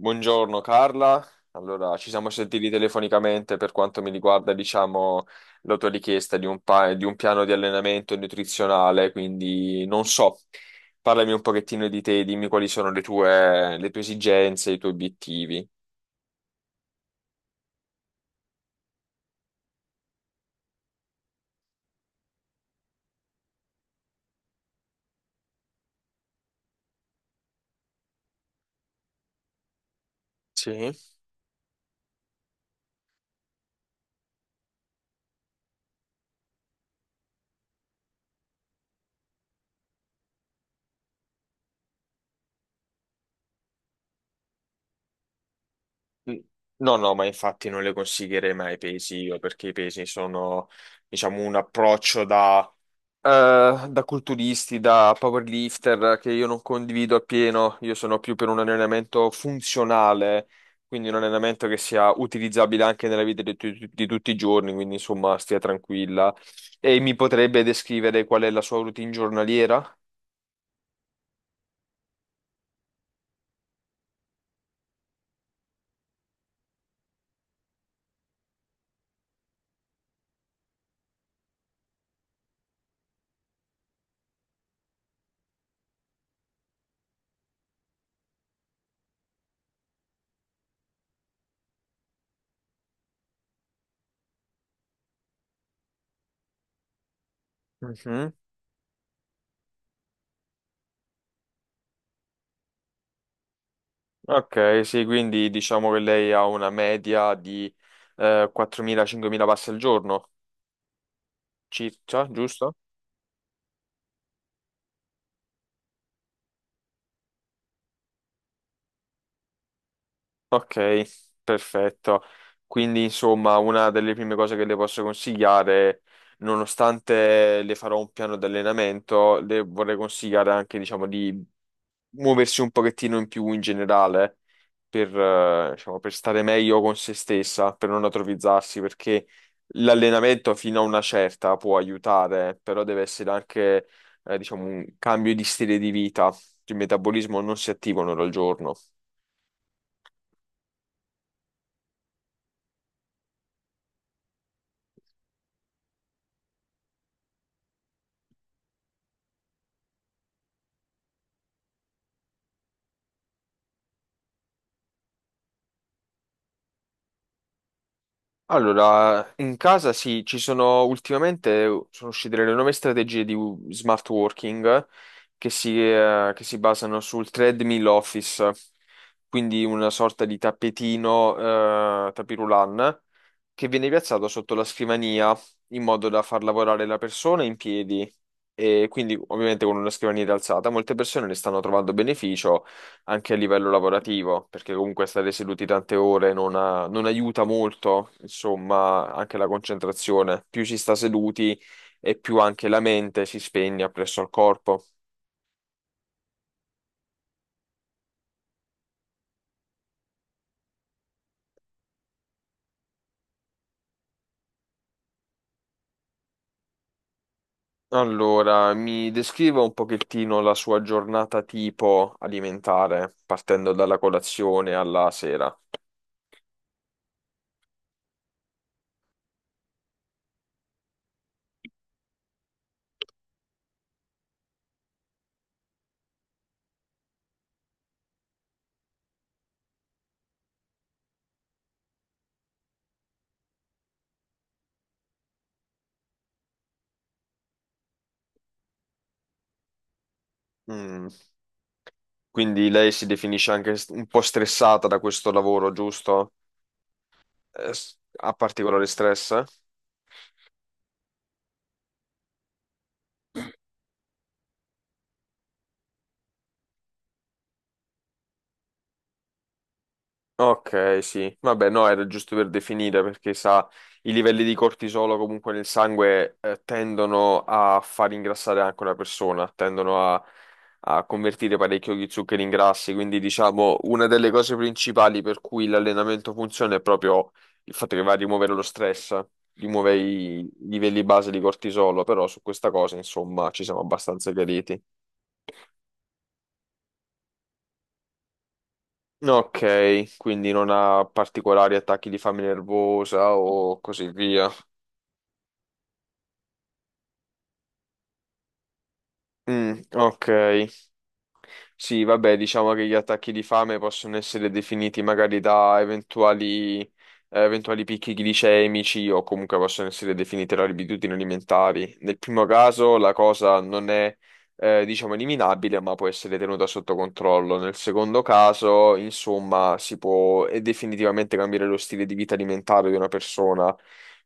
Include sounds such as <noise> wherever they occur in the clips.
Buongiorno Carla, allora ci siamo sentiti telefonicamente per quanto mi riguarda, diciamo, la tua richiesta di di un piano di allenamento nutrizionale, quindi non so, parlami un pochettino di te, dimmi quali sono le tue esigenze, i tuoi obiettivi. Sì. No, no, ma infatti non le consiglierei mai i pesi io, perché i pesi sono, diciamo, un approccio da culturisti, da powerlifter che io non condivido appieno, io sono più per un allenamento funzionale, quindi un allenamento che sia utilizzabile anche nella vita di tutti i giorni, quindi insomma stia tranquilla. E mi potrebbe descrivere qual è la sua routine giornaliera? Mhm. Ok, sì, quindi diciamo che lei ha una media di 4.000-5.000 passi al giorno, circa, giusto? Ok, perfetto. Quindi, insomma, una delle prime cose che le posso consigliare, nonostante le farò un piano di allenamento, le vorrei consigliare anche, diciamo, di muoversi un pochettino in più in generale per, diciamo, per stare meglio con se stessa, per non atrofizzarsi, perché l'allenamento fino a una certa può aiutare, però deve essere anche, diciamo, un cambio di stile di vita. Il metabolismo non si attiva un'ora al giorno. Allora, in casa sì, ci sono ultimamente sono uscite le nuove strategie di smart working che che si basano sul treadmill office, quindi una sorta di tappetino, tapis roulant che viene piazzato sotto la scrivania in modo da far lavorare la persona in piedi e quindi ovviamente con una scrivania rialzata molte persone ne stanno trovando beneficio anche a livello lavorativo perché comunque stare seduti tante ore non aiuta molto insomma anche la concentrazione più si sta seduti e più anche la mente si spegne presso al corpo. Allora, mi descriva un pochettino la sua giornata tipo alimentare, partendo dalla colazione alla sera. Mm. Quindi lei si definisce anche un po' stressata da questo lavoro, giusto? Ha particolare stress? Ok, sì. Vabbè, no, era giusto per definire perché sa, i livelli di cortisolo comunque nel sangue tendono a far ingrassare anche una persona, a convertire parecchio gli zuccheri in grassi. Quindi, diciamo, una delle cose principali per cui l'allenamento funziona è proprio il fatto che va a rimuovere lo stress, rimuove i livelli base di cortisolo. Però su questa cosa, insomma, ci siamo abbastanza chiariti. Ok, quindi non ha particolari attacchi di fame nervosa o così via. Mm, ok. Sì, vabbè, diciamo che gli attacchi di fame possono essere definiti magari da eventuali picchi glicemici o comunque possono essere definite da abitudini alimentari. Nel primo caso la cosa non è, diciamo, eliminabile, ma può essere tenuta sotto controllo. Nel secondo caso, insomma, si può definitivamente cambiare lo stile di vita alimentare di una persona.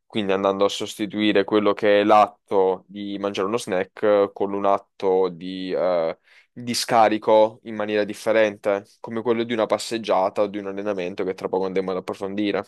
Quindi andando a sostituire quello che è l'atto di mangiare uno snack con un atto di scarico in maniera differente, come quello di una passeggiata o di un allenamento che tra poco andremo ad approfondire.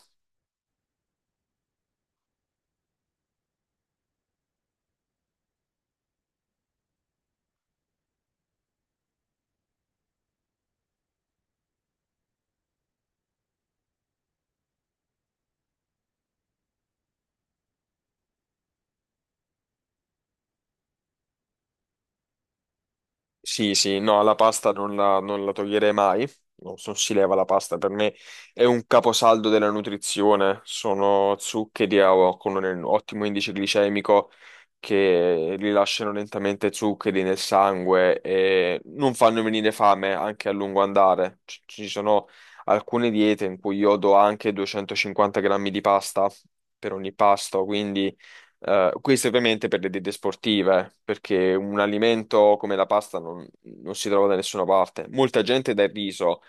Sì, sì, no, la pasta non la, non la toglierei mai, non si leva la pasta, per me è un caposaldo della nutrizione, sono zuccheri con un ottimo indice glicemico che rilasciano lentamente zuccheri nel sangue e non fanno venire fame anche a lungo andare. Ci sono alcune diete in cui io do anche 250 grammi di pasta per ogni pasto, quindi... questo ovviamente per le diete sportive, perché un alimento come la pasta non si trova da nessuna parte. Molta gente dà il riso,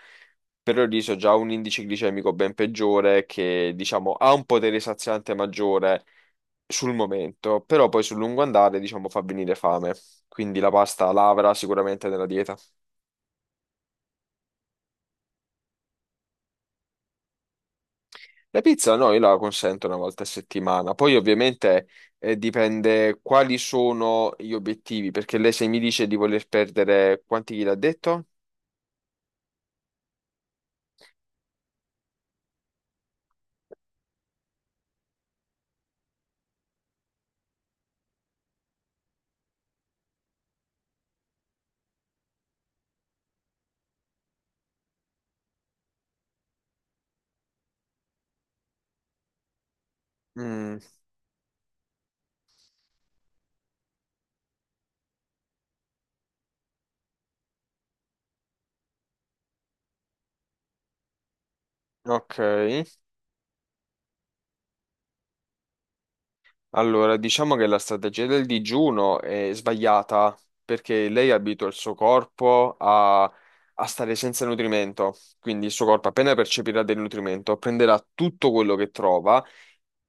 però il riso ha già un indice glicemico ben peggiore che, diciamo, ha un potere saziante maggiore sul momento, però poi sul lungo andare, diciamo, fa venire fame. Quindi la pasta lavora sicuramente nella dieta. La pizza no, io la consento una volta a settimana, poi ovviamente dipende quali sono gli obiettivi, perché lei se mi dice di voler perdere quanti chili ha detto? Mm, ok, allora diciamo che la strategia del digiuno è sbagliata, perché lei abitua il suo corpo a stare senza nutrimento, quindi il suo corpo appena percepirà del nutrimento prenderà tutto quello che trova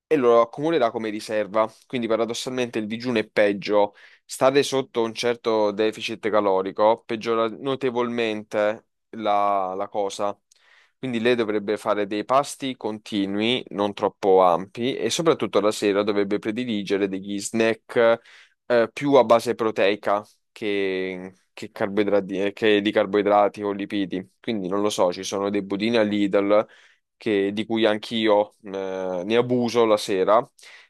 e lo accumulerà come riserva. Quindi paradossalmente il digiuno è peggio. Stare sotto un certo deficit calorico peggiora notevolmente la cosa. Quindi lei dovrebbe fare dei pasti continui, non troppo ampi, e soprattutto la sera dovrebbe prediligere degli snack più a base proteica che carboidrati, che di carboidrati o lipidi. Quindi non lo so, ci sono dei budini a Lidl che- di cui anch'io ne abuso la sera,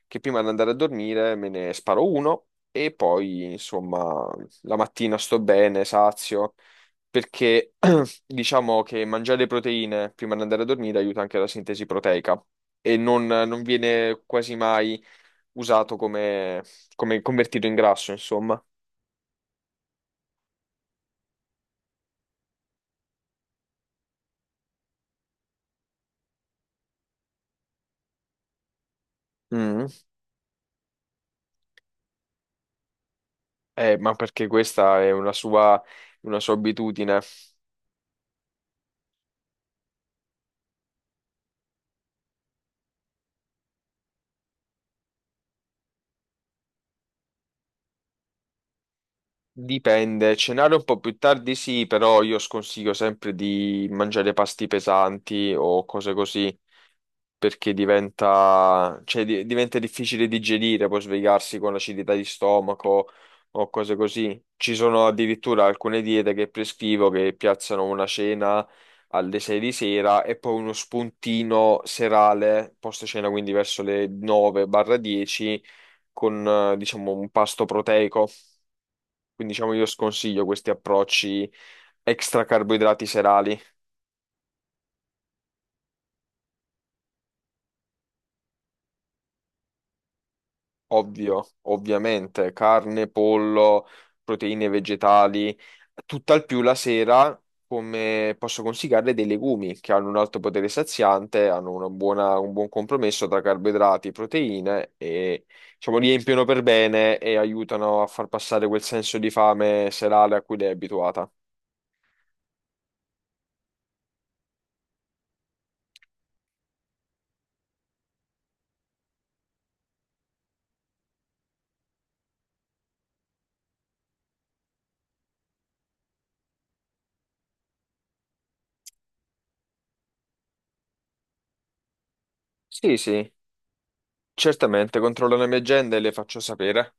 che prima di andare a dormire me ne sparo uno e poi, insomma, la mattina sto bene, sazio, perché <clears throat> diciamo che mangiare proteine prima di andare a dormire aiuta anche la sintesi proteica. E non viene quasi mai usato come, come convertito in grasso, insomma. Mm. Ma perché questa è una una sua abitudine. Dipende, cenare un po' più tardi sì, però io sconsiglio sempre di mangiare pasti pesanti o cose così, perché diventa difficile digerire, poi svegliarsi con acidità di stomaco o cose così. Ci sono addirittura alcune diete che prescrivo che piazzano una cena alle 6 di sera e poi uno spuntino serale, post cena quindi verso le 9-10, con diciamo un pasto proteico. Quindi diciamo io sconsiglio questi approcci extra carboidrati serali, ovvio, ovviamente, carne, pollo, proteine vegetali, tutt'al più la sera come posso consigliarle dei legumi che hanno un alto potere saziante, hanno una un buon compromesso tra carboidrati, proteine e diciamo riempiono per bene e aiutano a far passare quel senso di fame serale a cui lei è abituata. Sì, sì, certamente, controllo le mie agende e le faccio sapere.